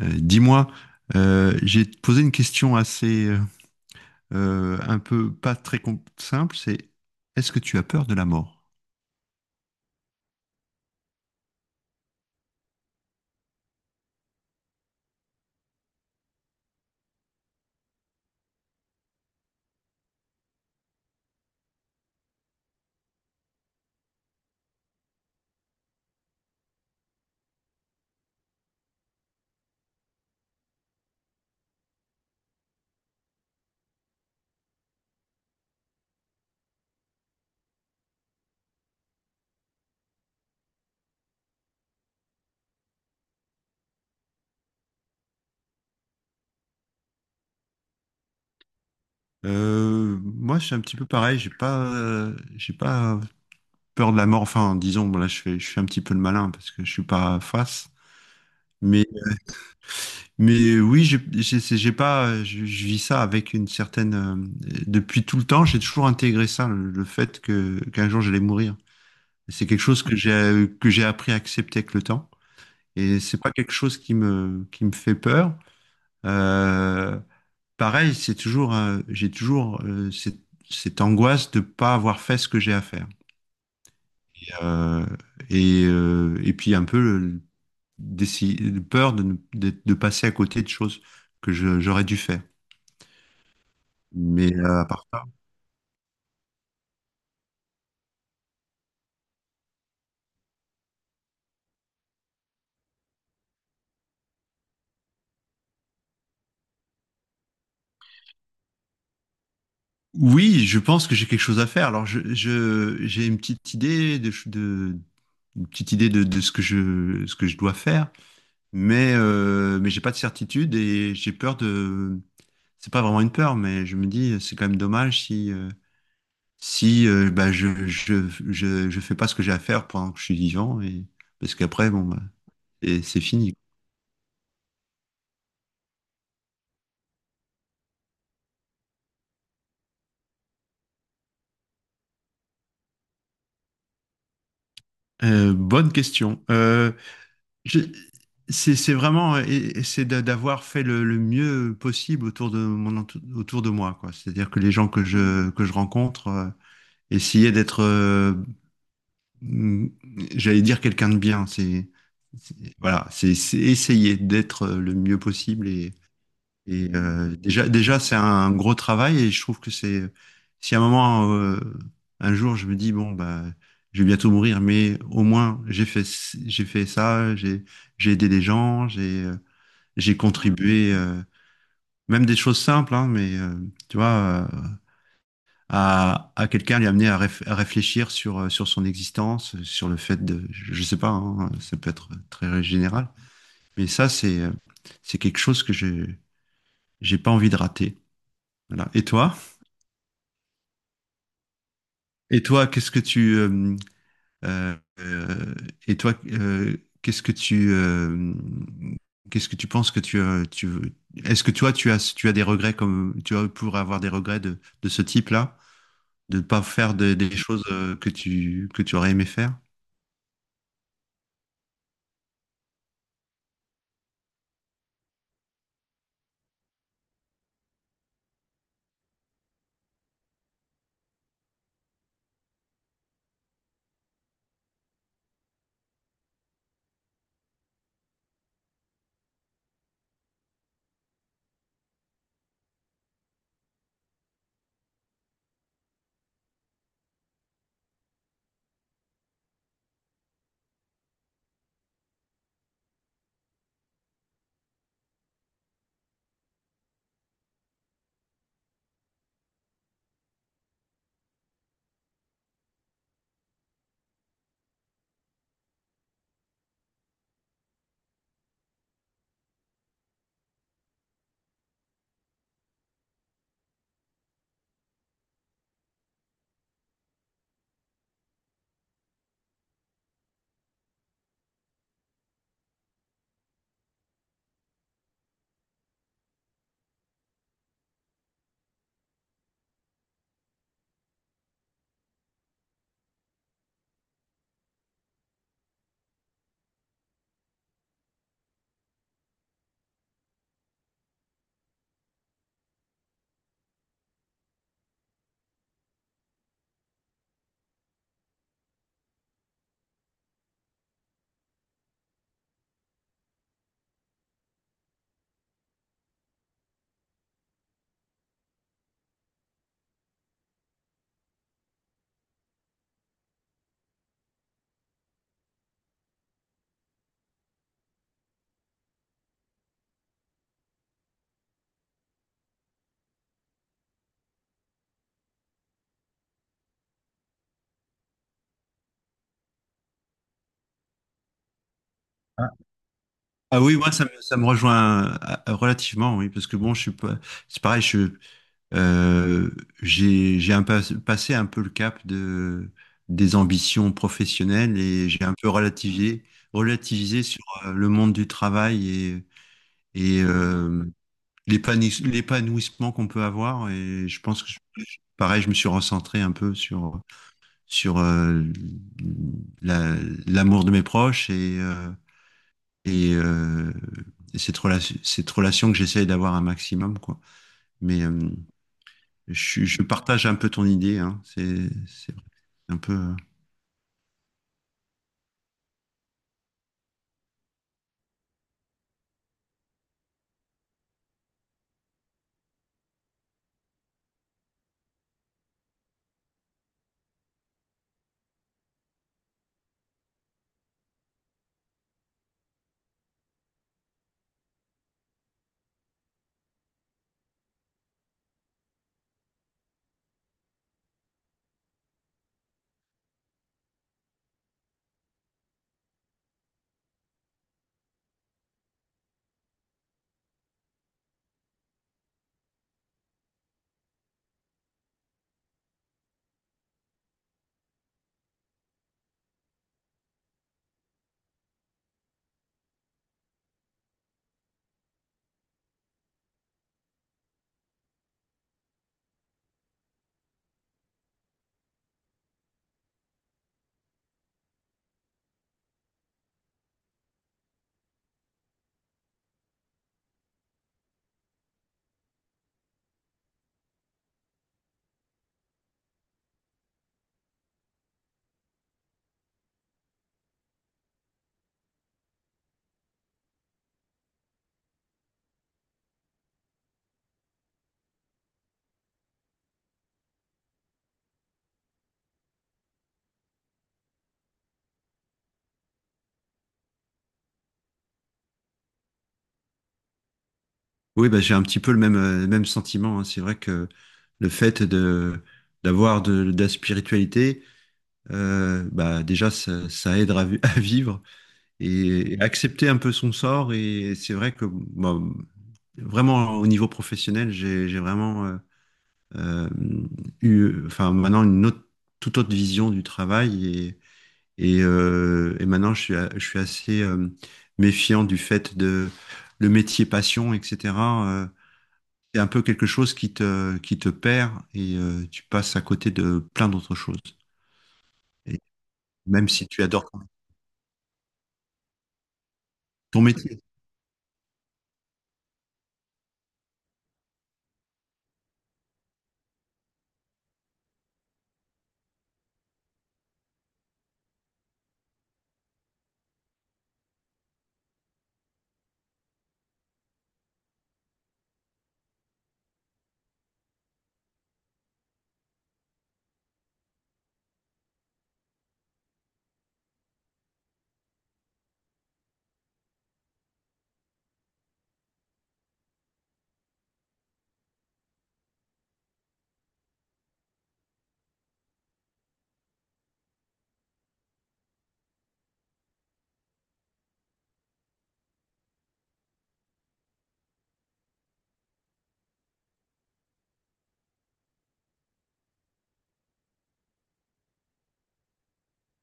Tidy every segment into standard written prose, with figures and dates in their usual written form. Euh, dis-moi, j'ai posé une question assez un peu pas très simple, c'est est-ce que tu as peur de la mort? Moi, je suis un petit peu pareil, j'ai pas peur de la mort. Enfin, disons, bon, là, je suis un petit peu le malin parce que je suis pas face. Mais mais oui, j'ai j'ai pas je vis ça avec une certaine depuis tout le temps, j'ai toujours intégré ça, le fait que qu'un jour j'allais mourir. C'est quelque chose que j'ai appris à accepter avec le temps. Et c'est pas quelque chose qui me fait peur. Euh, Pareil, c'est toujours, j'ai toujours cette angoisse de pas avoir fait ce que j'ai à faire. Euh, et puis un peu peur de, de passer à côté de choses j'aurais dû faire. Mais à part ça, oui, je pense que j'ai quelque chose à faire. Alors, j'ai une petite idée de une petite idée de ce ce que je dois faire, mais j'ai pas de certitude et j'ai peur de. C'est pas vraiment une peur, mais je me dis c'est quand même dommage si si bah je fais pas ce que j'ai à faire pendant que je suis vivant et parce qu'après bon bah, et c'est fini. Bonne question. Je- C'est vraiment, et c'est d'avoir fait le mieux possible autour de autour de moi, quoi. C'est-à-dire que les gens que je rencontre, essayer d'être, mm, j'allais dire quelqu'un de bien. Voilà, c'est essayer d'être le mieux possible. Et déjà, c'est un gros travail et je trouve que c'est, si à un moment, un jour, je me dis bon bah, je vais bientôt mourir, mais au moins j'ai fait ça, j'ai aidé des gens, j'ai contribué, même des choses simples, hein, mais tu vois, à quelqu'un lui amener à, à réfléchir sur sur son existence, sur le fait de, je sais pas, hein, ça peut être très général, mais ça c'est quelque chose j'ai pas envie de rater. Voilà. Et toi? Et toi, qu'est-ce que tu euh, euh, et toi qu'est-ce que tu euh, qu'est-ce que tu penses que tu as tu est-ce que toi tu as des regrets comme tu as pour avoir des regrets de ce type-là, de ne pas faire des choses que tu aurais aimé faire? Ah, Ah oui, moi ça me rejoint relativement, oui, parce que bon, je suis pas, c'est pareil, Euh, j'ai un passé un peu le cap de, des ambitions professionnelles et j'ai un peu relativisé, relativisé sur le monde du travail et, et euh, l'épanouissement qu'on peut avoir. Et je pense pareil, je me suis recentré un peu sur, sur la- l'amour de mes proches et, euh, et cette relation que j'essaye d'avoir un maximum, quoi. Mais, je partage un peu ton idée, hein. C'est vrai. C'est un peu. Oui, bah, j'ai un petit peu le même sentiment, hein. C'est vrai que le fait de d'avoir de la spiritualité, bah, déjà ça aide à, à vivre et accepter un peu son sort. Et c'est vrai que bah, vraiment au niveau professionnel, j'ai vraiment euh, eu, enfin maintenant toute autre vision du travail. Et maintenant, je suis assez méfiant du fait de le métier passion, etc. Euh, c'est un peu quelque chose qui te perd et tu passes à côté de plein d'autres choses. Et même si tu adores ton métier.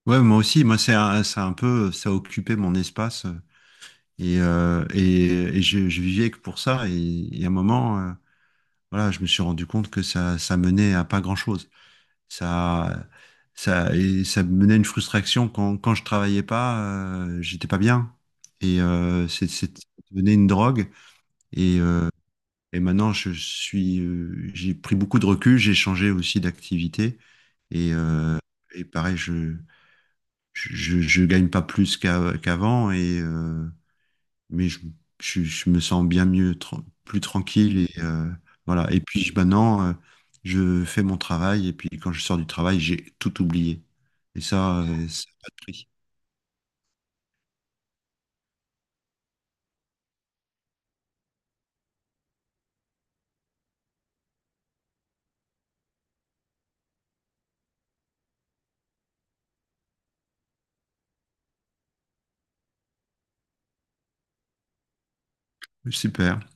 Ouais, moi aussi, moi, c'est un peu, ça a occupé mon espace je vivais que pour ça. Et à un moment, voilà, je me suis rendu compte que ça menait à pas grand-chose. Ça, et ça me menait à une frustration quand, quand je travaillais pas, j'étais pas bien. Et ça devenait une drogue. Et, maintenant, j'ai pris beaucoup de recul, j'ai changé aussi d'activité. Et, pareil, je, je gagne pas plus qu'avant. Et, mais je, je me sens bien mieux, plus tranquille et voilà. Et puis maintenant, je fais mon travail et puis quand je sors du travail, j'ai tout oublié. Et ça, ça n'a pas de prix. Super.